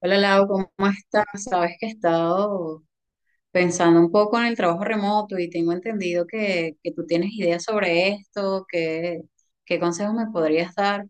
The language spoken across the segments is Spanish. Hola Lau, ¿cómo estás? Sabes que he estado pensando un poco en el trabajo remoto y tengo entendido que tú tienes ideas sobre esto, que, qué consejos me podrías dar.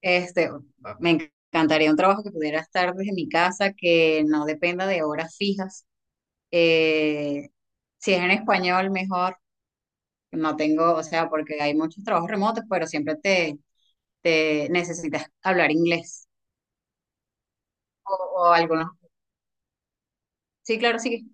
Este, Me encantaría un trabajo que pudiera estar desde mi casa, que no dependa de horas fijas. Eh, si es en español, mejor. No tengo, o sea, porque hay muchos trabajos remotos, pero te necesitas hablar inglés o, o algunos. Sí, claro, sí.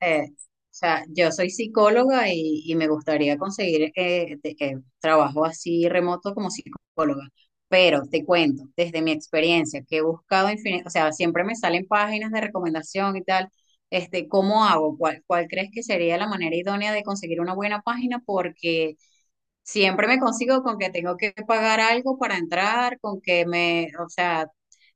O sea, yo soy psicóloga y me gustaría conseguir trabajo así remoto como psicóloga. Pero te cuento, desde mi experiencia, que he buscado infinito, o sea, siempre me salen páginas de recomendación y tal. ¿Cómo hago? ¿Cuál crees que sería la manera idónea de conseguir una buena página? Porque siempre me consigo con que tengo que pagar algo para entrar, con que me, o sea,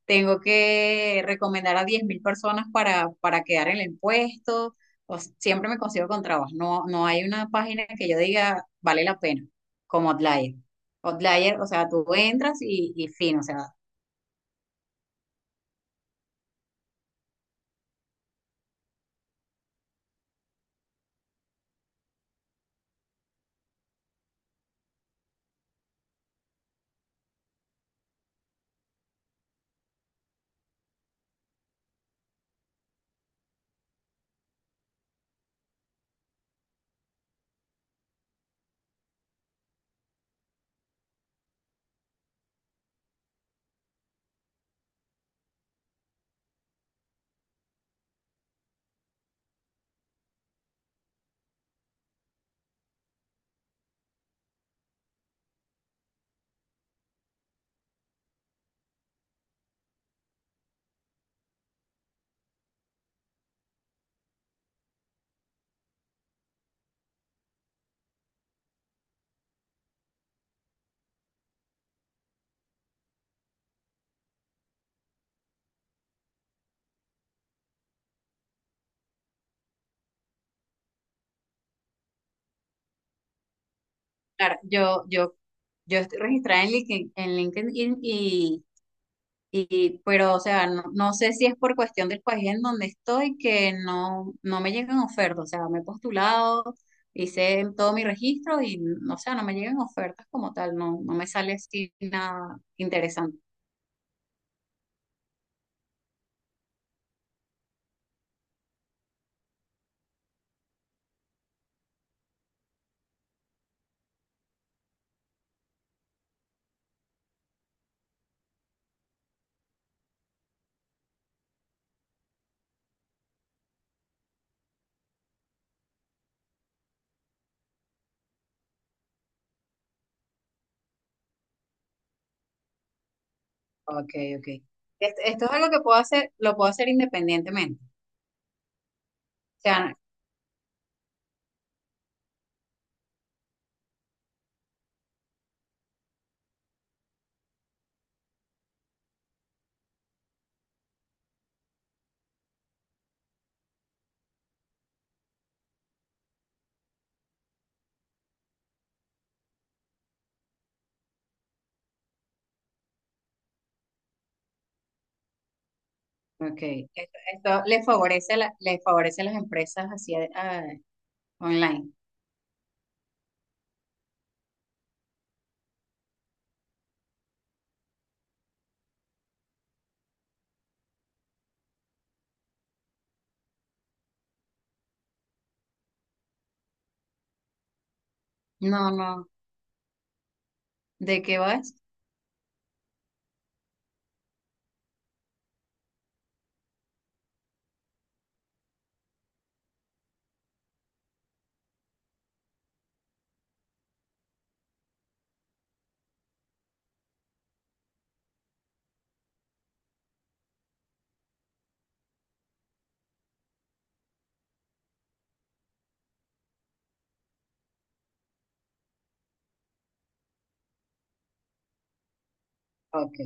tengo que recomendar a 10.000 personas para quedar en el puesto. Siempre me consigo con trabas. No, no hay una página que yo diga vale la pena, como Outlier. Outlier, o sea, tú entras y fin. O sea, claro, yo estoy registrada en LinkedIn, en LinkedIn. Y pero, o sea, no, no sé si es por cuestión del país en donde estoy que no me llegan ofertas. O sea, me he postulado, hice todo mi registro y, o sea, no me llegan ofertas como tal. No, no me sale así nada interesante. Ok, ok. Esto es algo que puedo hacer, lo puedo hacer independientemente. O sea, ok, esto le favorece le favorece a las empresas así ah, online. No, no. ¿De qué vas? Ok.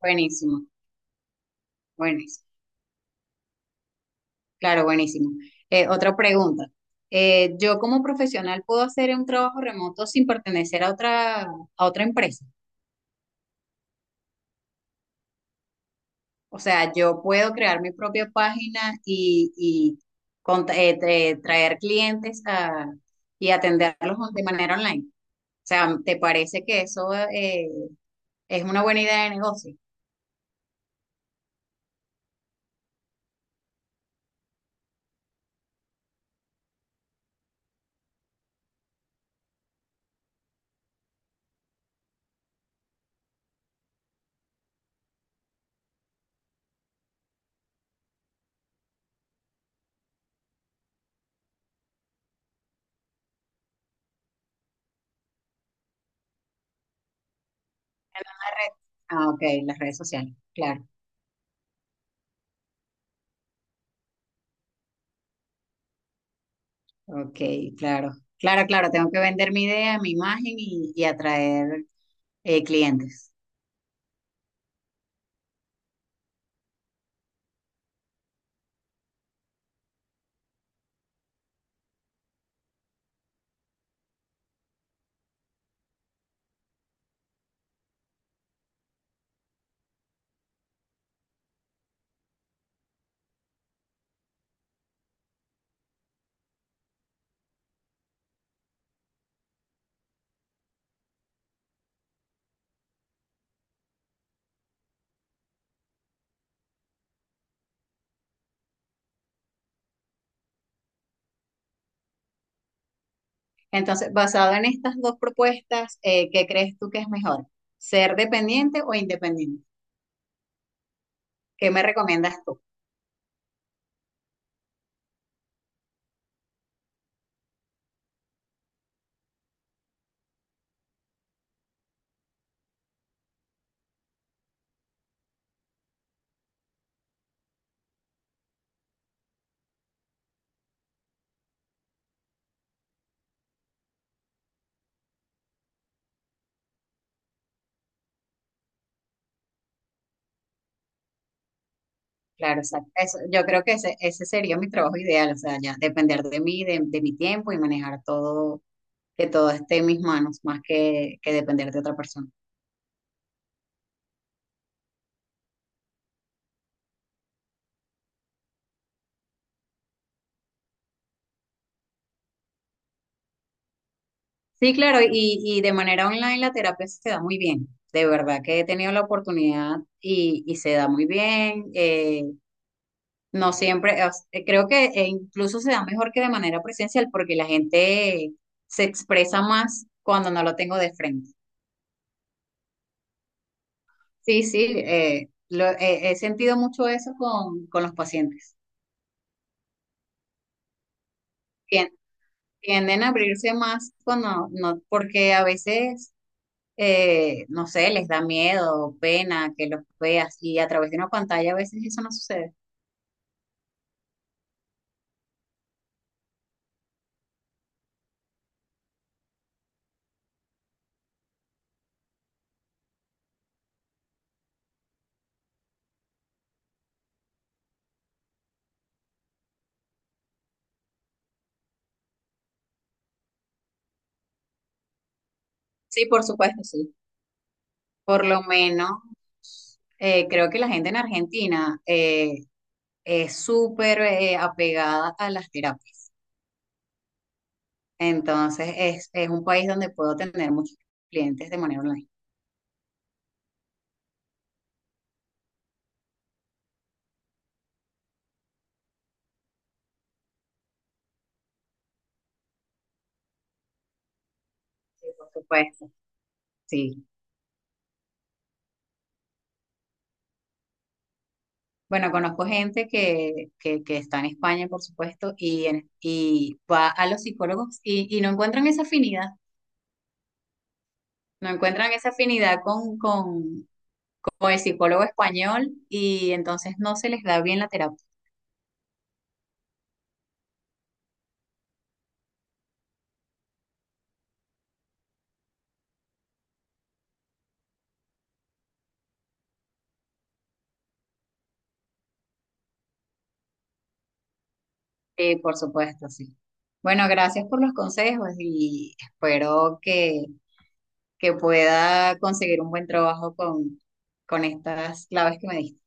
Buenísimo, buenísimo. Claro, buenísimo. Otra pregunta. ¿Yo como profesional puedo hacer un trabajo remoto sin pertenecer a otra empresa? O sea, yo puedo crear mi propia página y traer clientes y atenderlos de manera online. O sea, ¿te parece que eso es una buena idea de negocio? Una red. Ah, ok, las redes sociales, claro, ok, claro, claro, claro, tengo que vender mi idea, mi imagen y atraer clientes. Entonces, basado en estas dos propuestas, ¿qué crees tú que es mejor? ¿Ser dependiente o independiente? ¿Qué me recomiendas tú? Claro, exacto. Eso, yo creo que ese sería mi trabajo ideal, o sea, ya depender de mí, de mi tiempo y manejar todo, que todo esté en mis manos, más que depender de otra persona. Sí, claro, y de manera online la terapia se da muy bien. De verdad que he tenido la oportunidad y se da muy bien. No siempre, creo que incluso se da mejor que de manera presencial porque la gente se expresa más cuando no lo tengo de frente. Sí, sí, he sentido mucho eso con los pacientes. Tien- Tienden a abrirse más cuando no, porque a veces, no sé, les da miedo, pena que los veas y a través de una pantalla a veces eso no sucede. Sí, por supuesto, sí. Por lo menos creo que la gente en Argentina, es súper apegada a las terapias. Entonces, es un país donde puedo tener muchos clientes de manera online. Sí, por supuesto. Sí. Bueno, conozco gente que está en España, por supuesto, y, y va a los psicólogos y no encuentran esa afinidad. No encuentran esa afinidad con el psicólogo español y entonces no se les da bien la terapia. Por supuesto, sí. Bueno, gracias por los consejos y espero que pueda conseguir un buen trabajo con estas claves que me diste.